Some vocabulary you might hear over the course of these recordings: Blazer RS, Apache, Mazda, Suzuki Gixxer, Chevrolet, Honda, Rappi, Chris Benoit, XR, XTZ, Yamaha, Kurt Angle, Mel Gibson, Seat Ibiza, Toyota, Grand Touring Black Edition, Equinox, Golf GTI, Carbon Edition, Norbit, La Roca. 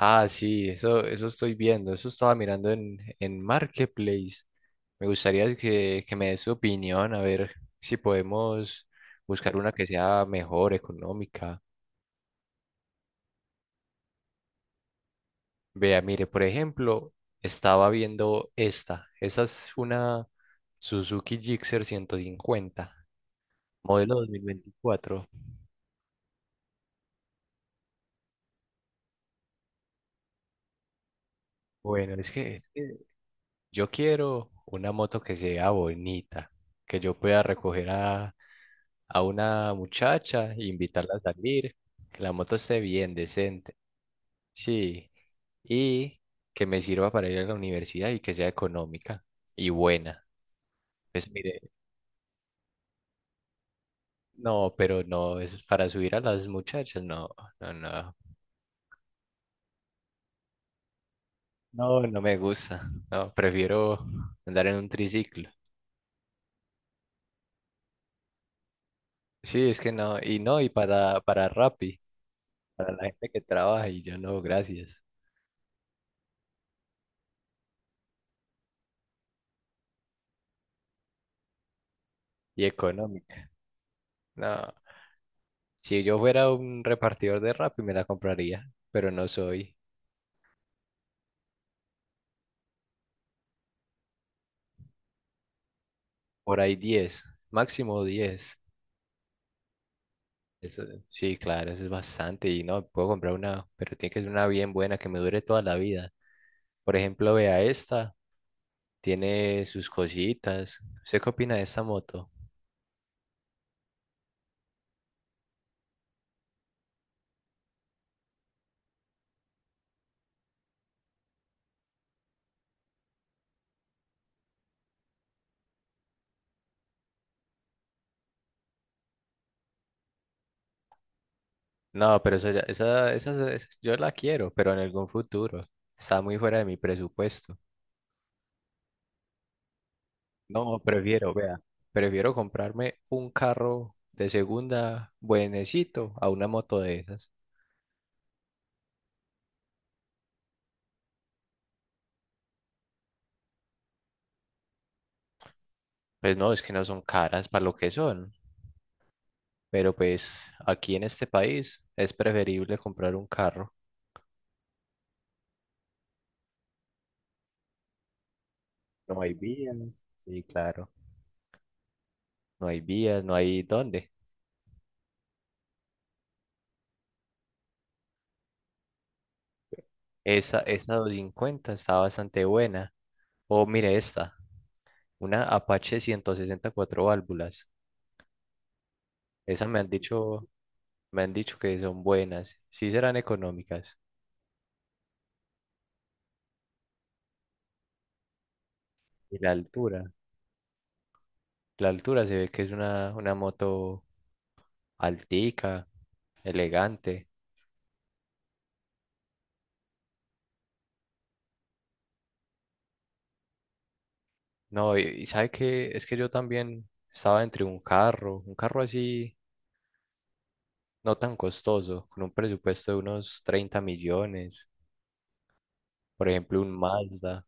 Ah, sí, eso estoy viendo, eso estaba mirando en Marketplace. Me gustaría que me des tu opinión, a ver si podemos buscar una que sea mejor, económica. Vea, mire, por ejemplo, estaba viendo esta. Esa es una Suzuki Gixxer 150 modelo 2024. Bueno, es que yo quiero una moto que sea bonita, que yo pueda recoger a una muchacha e invitarla a salir, que la moto esté bien, decente, sí, y que me sirva para ir a la universidad y que sea económica y buena. Pues mire, no, pero no, es para subir a las muchachas, no, no, no, no, no me gusta, no, prefiero andar en un triciclo. Sí, es que no, y no, y para Rappi, para la gente que trabaja y yo no, gracias. Y económica. No, si yo fuera un repartidor de Rappi, me la compraría, pero no soy. Por ahí 10, máximo 10. Eso, sí, claro, eso es bastante. Y no, puedo comprar una, pero tiene que ser una bien buena que me dure toda la vida. Por ejemplo, vea esta, tiene sus cositas. ¿Usted qué opina de esta moto? No, pero esa, ya- esa- yo la quiero, pero en algún futuro. Está muy fuera de mi presupuesto. No, prefiero, vea, prefiero comprarme un carro de segunda buenecito a una moto de esas. Pues no, es que no son caras para lo que son, pero pues aquí en este país es preferible comprar un carro. No hay vías, sí, claro, no hay vías, no hay dónde. Esa 250 está bastante buena. O mire esta, una Apache 160 y cuatro válvulas. Esas me han dicho, Me han dicho que son buenas, sí serán económicas. Y la altura. La altura se ve que es una moto altica, elegante. No, y sabe que es que yo también estaba entre un carro así no tan costoso, con un presupuesto de unos 30 millones, por ejemplo, un Mazda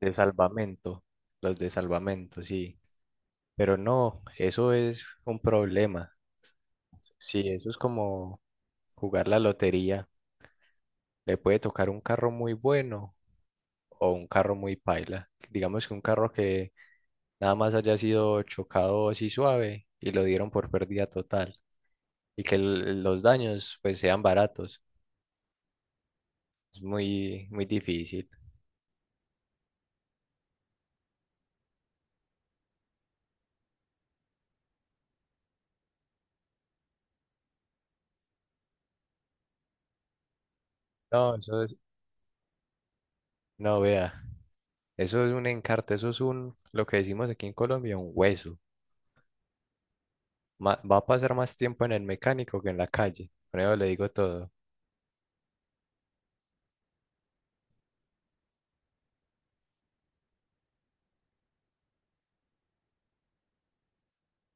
de salvamento, los de salvamento, sí. Pero no, eso es un problema. Sí, eso es como jugar la lotería. Le puede tocar un carro muy bueno o un carro muy paila. Digamos que un carro que nada más haya sido chocado así suave y lo dieron por pérdida total y que los daños pues sean baratos. Es muy, muy difícil. No, eso es, no vea, eso es un encarte, eso es un, lo que decimos aquí en Colombia, un hueso. Va a pasar más tiempo en el mecánico que en la calle. Con eso le digo todo.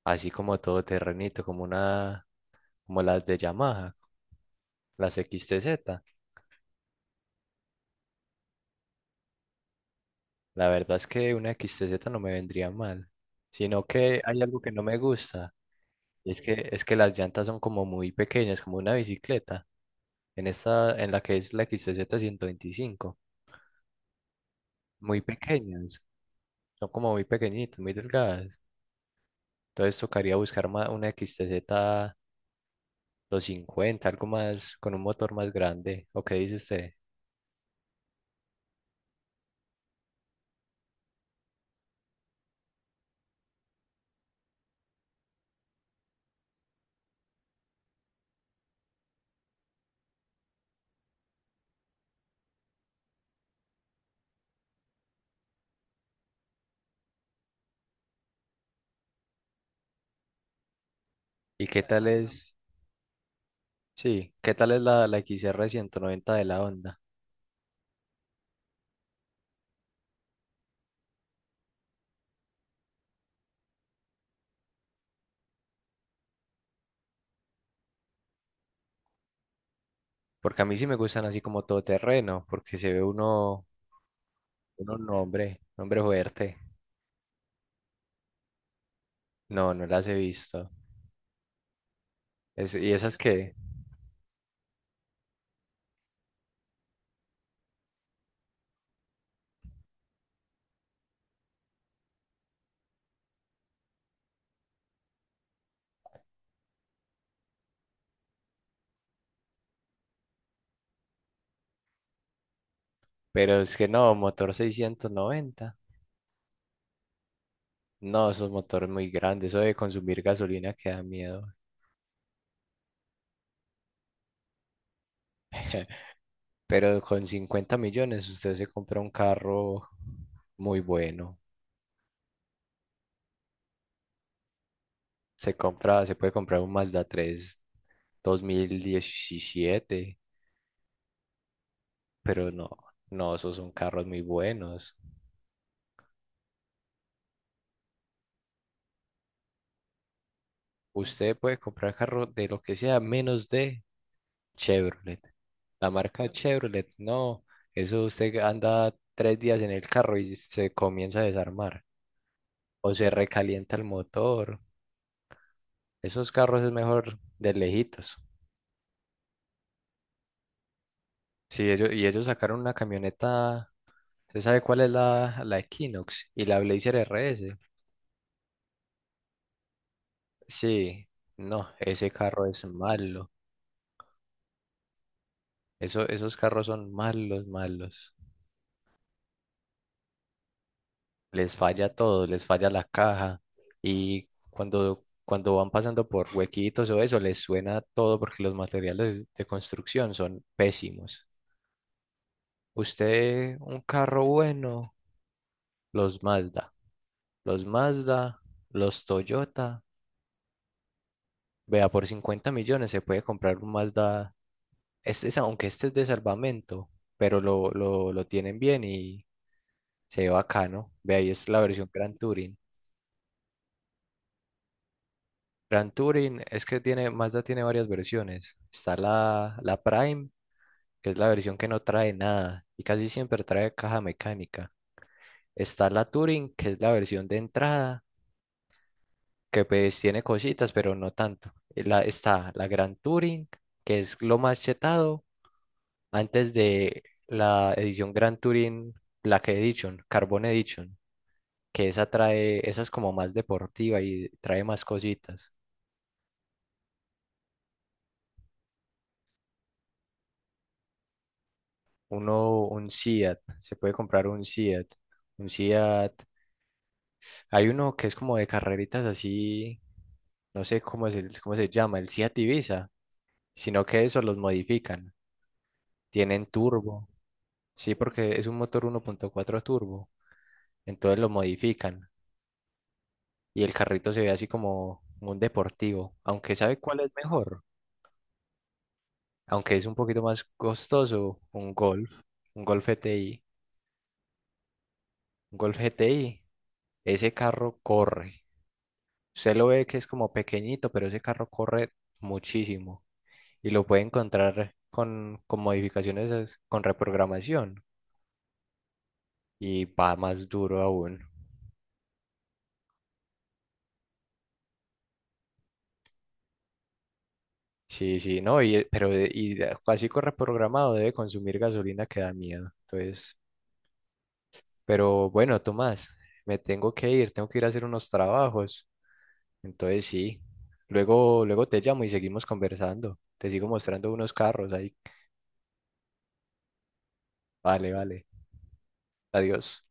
Así como todo terrenito, como una, como las de Yamaha, las XTZ. La verdad es que una XTZ no me vendría mal, sino que hay algo que no me gusta. Es que las llantas son como muy pequeñas, como una bicicleta, en esta, en la que es la X T Z 125 muy pequeñas, son como muy pequeñitas, muy delgadas. Entonces tocaría buscar una XTZ cincuenta algo más, con un motor más grande, ¿o qué dice usted? ¿Y qué tal qué tal es la XR 90 de la Honda? Porque a mí sí me gustan así como todoterreno, porque se ve un un hombre fuerte. No, no las he visto. ¿Y esas qué? Pero es que no, motor 690. No, esos motores muy grandes, eso de consumir gasolina que da miedo. Pero con 50 millones usted se compra un carro muy bueno. Se puede comprar un Mazda 3 2017, pero no, esos son carros muy buenos. Usted puede comprar carro de lo que sea menos de Chevrolet. La marca Chevrolet, no. Eso usted anda tres días en el carro y se comienza a desarmar. O se recalienta el motor. Esos carros es mejor de lejitos. Sí, ellos sacaron una camioneta. ¿Usted sabe cuál es la Equinox? Y la Blazer RS. Sí, no, ese carro es malo. Eso, esos carros son malos, malos. Les falla todo, les falla la caja y cuando van pasando por huequitos o eso, les suena todo porque los materiales de construcción son pésimos. Usted, un carro bueno, los Mazda, los Mazda, los Toyota, vea, por 50 millones se puede comprar un Mazda, este es, aunque este es de salvamento, pero lo tienen bien y se ve bacano. Vea, ahí es la versión Gran Touring. Gran Touring es que tiene, Mazda tiene varias versiones. Está la Prime, que es la versión que no trae nada y casi siempre trae caja mecánica. Está la Touring, que es la versión de entrada, que pues tiene cositas, pero no tanto. Y la, está la Gran Touring, que es lo más chetado antes de la edición Gran Touring Black Edition, Carbon Edition, que esa trae, esa es como más deportiva y trae más cositas. Uno, un Seat, se puede comprar un Seat, hay uno que es como de carreritas así, no sé cómo es cómo se llama, el Seat Ibiza, sino que eso los modifican, tienen turbo, sí, porque es un motor 1.4 turbo, entonces lo modifican y el carrito se ve así como un deportivo, aunque sabe cuál es mejor, aunque es un poquito más costoso, un Golf GTI, un Golf GTI, ese carro corre. Usted lo ve que es como pequeñito, pero ese carro corre muchísimo y lo puede encontrar con modificaciones, con reprogramación y va más duro aún. Sí, no, así con reprogramado debe consumir gasolina que da miedo. Entonces, pero bueno, Tomás, me tengo que ir a hacer unos trabajos. Entonces, sí, luego te llamo y seguimos conversando. Te sigo mostrando unos carros ahí. Vale, vale. Adiós.